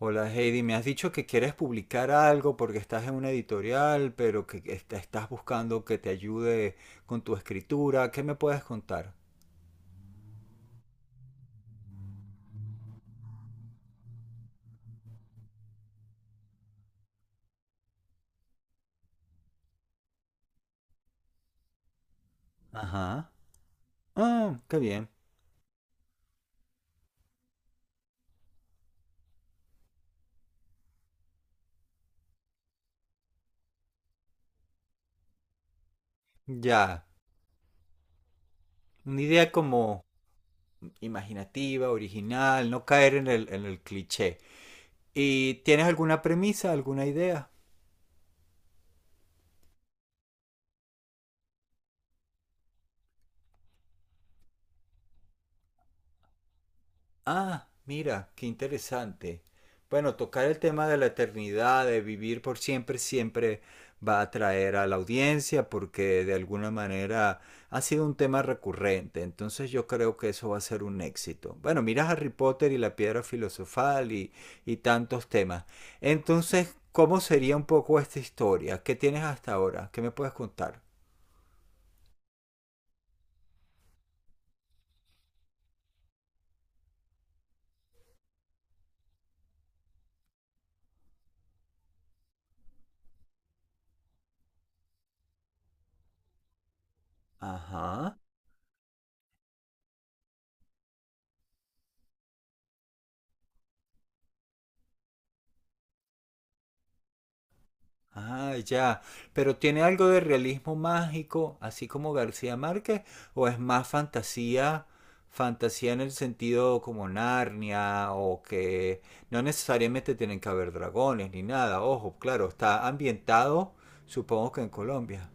Hola Heidi, me has dicho que quieres publicar algo porque estás en una editorial, pero que estás buscando que te ayude con tu escritura. ¿Qué me puedes contar? Ajá. Ah, qué bien. Ya. Una idea como imaginativa, original, no caer en el cliché. ¿Y tienes alguna premisa, alguna idea? Ah, mira, qué interesante. Bueno, tocar el tema de la eternidad, de vivir por siempre, siempre va a atraer a la audiencia porque de alguna manera ha sido un tema recurrente. Entonces yo creo que eso va a ser un éxito. Bueno, mira Harry Potter y la piedra filosofal y tantos temas. Entonces, ¿cómo sería un poco esta historia? ¿Qué tienes hasta ahora? ¿Qué me puedes contar? Ajá. Ah, ya. Pero tiene algo de realismo mágico, así como García Márquez, o es más fantasía, fantasía en el sentido como Narnia, o que no necesariamente tienen que haber dragones ni nada. Ojo, claro, está ambientado, supongo que en Colombia.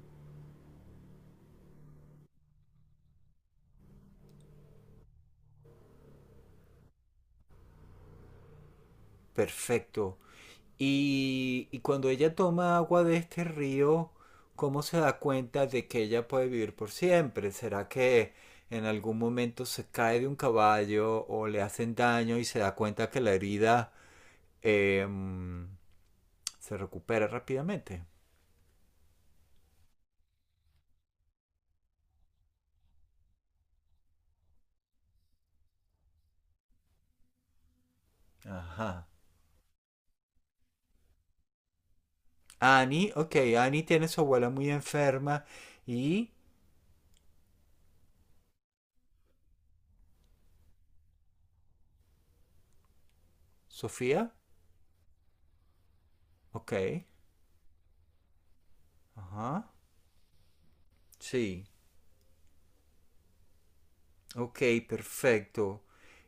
Perfecto. Y cuando ella toma agua de este río, ¿cómo se da cuenta de que ella puede vivir por siempre? ¿Será que en algún momento se cae de un caballo o le hacen daño y se da cuenta que la herida em, se recupera rápidamente? Ajá. Annie, ok, Annie tiene a su abuela muy enferma y Sofía, ok, ajá, sí, ok, perfecto.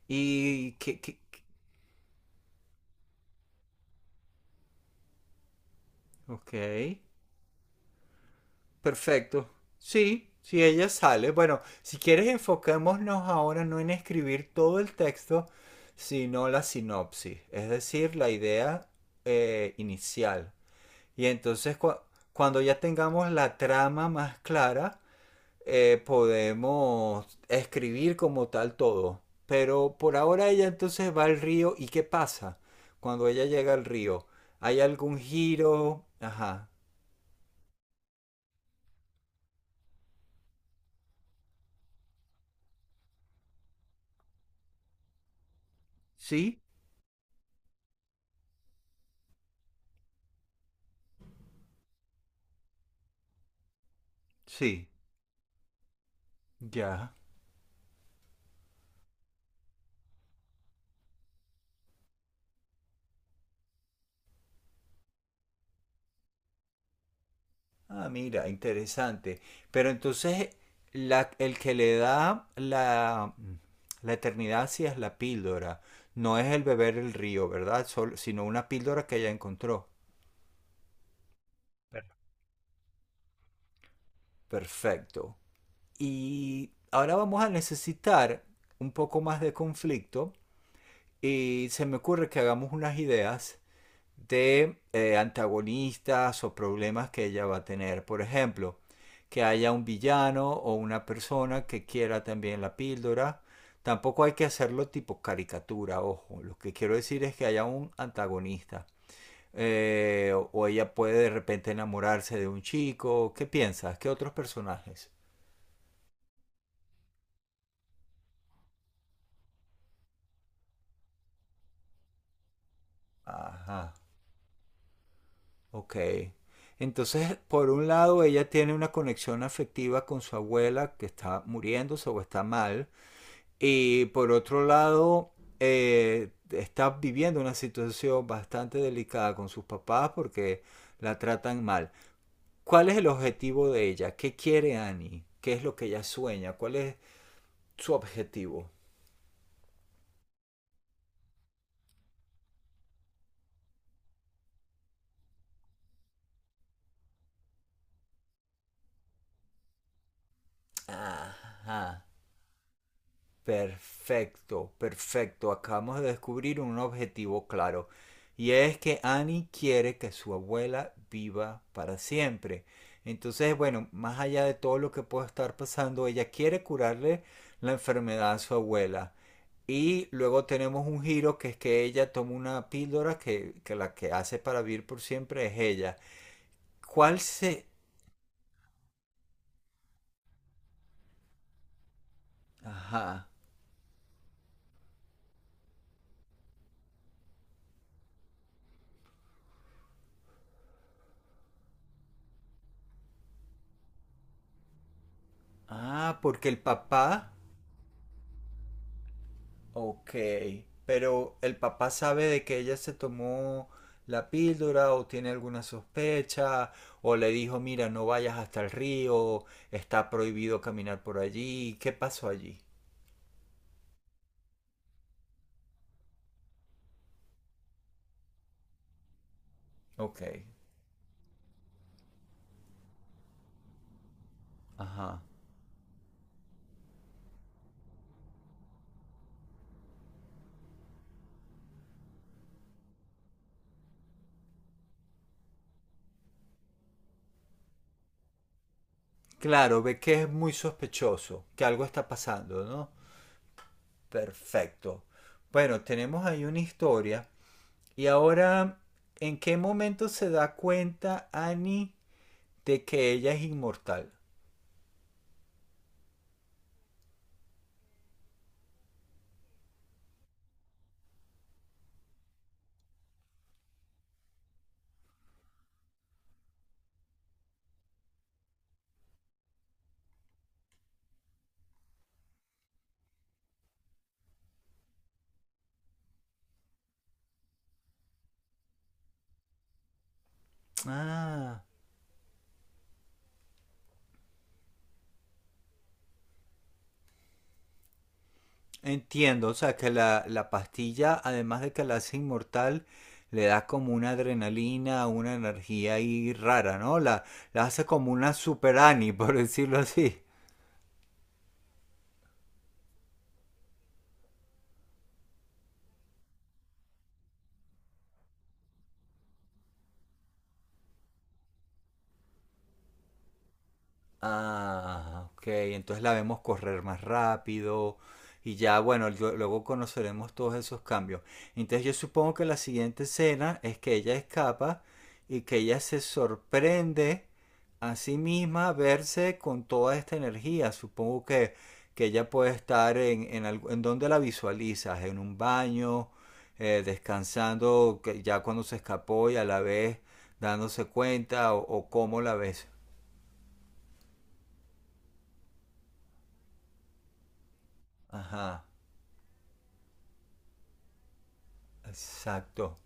¿Y qué? Ok. Perfecto. Sí, si ella sale. Bueno, si quieres enfocémonos ahora no en escribir todo el texto, sino la sinopsis, es decir, la idea inicial. Y entonces cuando ya tengamos la trama más clara, podemos escribir como tal todo. Pero por ahora ella entonces va al río y ¿qué pasa cuando ella llega al río? ¿Hay algún giro? Ajá. ¿Sí? Sí. Ya. Ah, mira, interesante. Pero entonces el que le da la eternidad sí es la píldora, no es el beber el río, ¿verdad? Sino una píldora que ella encontró. Perfecto. Y ahora vamos a necesitar un poco más de conflicto y se me ocurre que hagamos unas ideas de antagonistas o problemas que ella va a tener. Por ejemplo, que haya un villano o una persona que quiera también la píldora. Tampoco hay que hacerlo tipo caricatura, ojo. Lo que quiero decir es que haya un antagonista. Ella puede de repente enamorarse de un chico. ¿Qué piensas? ¿Qué otros personajes? Ajá, ok. Entonces, por un lado, ella tiene una conexión afectiva con su abuela que está muriéndose o está mal. Y por otro lado, está viviendo una situación bastante delicada con sus papás porque la tratan mal. ¿Cuál es el objetivo de ella? ¿Qué quiere Annie? ¿Qué es lo que ella sueña? ¿Cuál es su objetivo? Ajá. Perfecto, perfecto. Acabamos de descubrir un objetivo claro. Y es que Annie quiere que su abuela viva para siempre. Entonces, bueno, más allá de todo lo que pueda estar pasando, ella quiere curarle la enfermedad a su abuela. Y luego tenemos un giro que es que ella toma una píldora que la que hace para vivir por siempre es ella. ¿Cuál se...? Ajá. Ah, porque el papá. Ok, pero ¿el papá sabe de que ella se tomó la píldora o tiene alguna sospecha o le dijo, mira, no vayas hasta el río, está prohibido caminar por allí? ¿Qué pasó allí? Ok, ajá. Claro, ve que es muy sospechoso, que algo está pasando, ¿no? Perfecto. Bueno, tenemos ahí una historia. Y ahora, ¿en qué momento se da cuenta Annie de que ella es inmortal? Ah, entiendo, o sea, que la pastilla, además de que la hace inmortal, le da como una adrenalina, una energía ahí rara, ¿no? La hace como una super Annie, por decirlo así. Ah, ok. Entonces la vemos correr más rápido y ya, bueno, luego conoceremos todos esos cambios. Entonces yo supongo que la siguiente escena es que ella escapa y que ella se sorprende a sí misma verse con toda esta energía. Supongo que ella puede estar en donde la visualizas, en un baño, descansando que ya cuando se escapó y a la vez dándose cuenta o cómo la ves. Ajá. Exacto.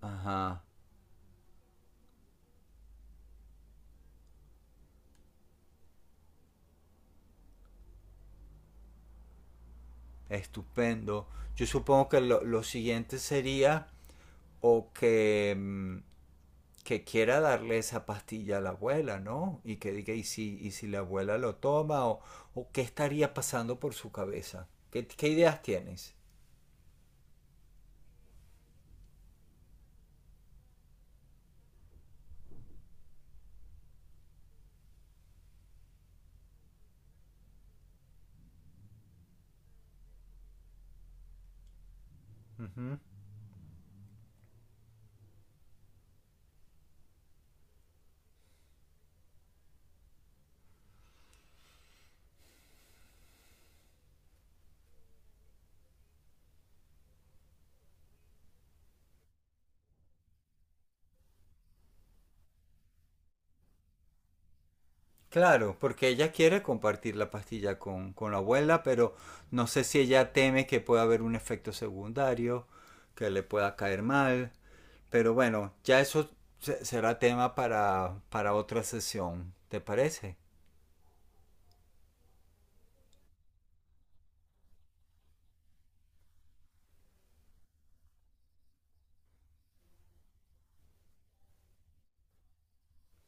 Ajá. Estupendo. Yo supongo que lo siguiente sería o que, que quiera darle esa pastilla a la abuela, ¿no? Y que diga, y si la abuela lo toma? O qué estaría pasando por su cabeza? ¿Qué, qué ideas tienes? Ujú. Claro, porque ella quiere compartir la pastilla con la abuela, pero no sé si ella teme que pueda haber un efecto secundario, que le pueda caer mal. Pero bueno, ya eso será tema para otra sesión, ¿te parece?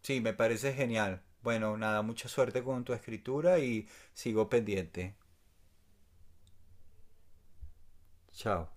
Sí, me parece genial. Bueno, nada, mucha suerte con tu escritura y sigo pendiente. Chao.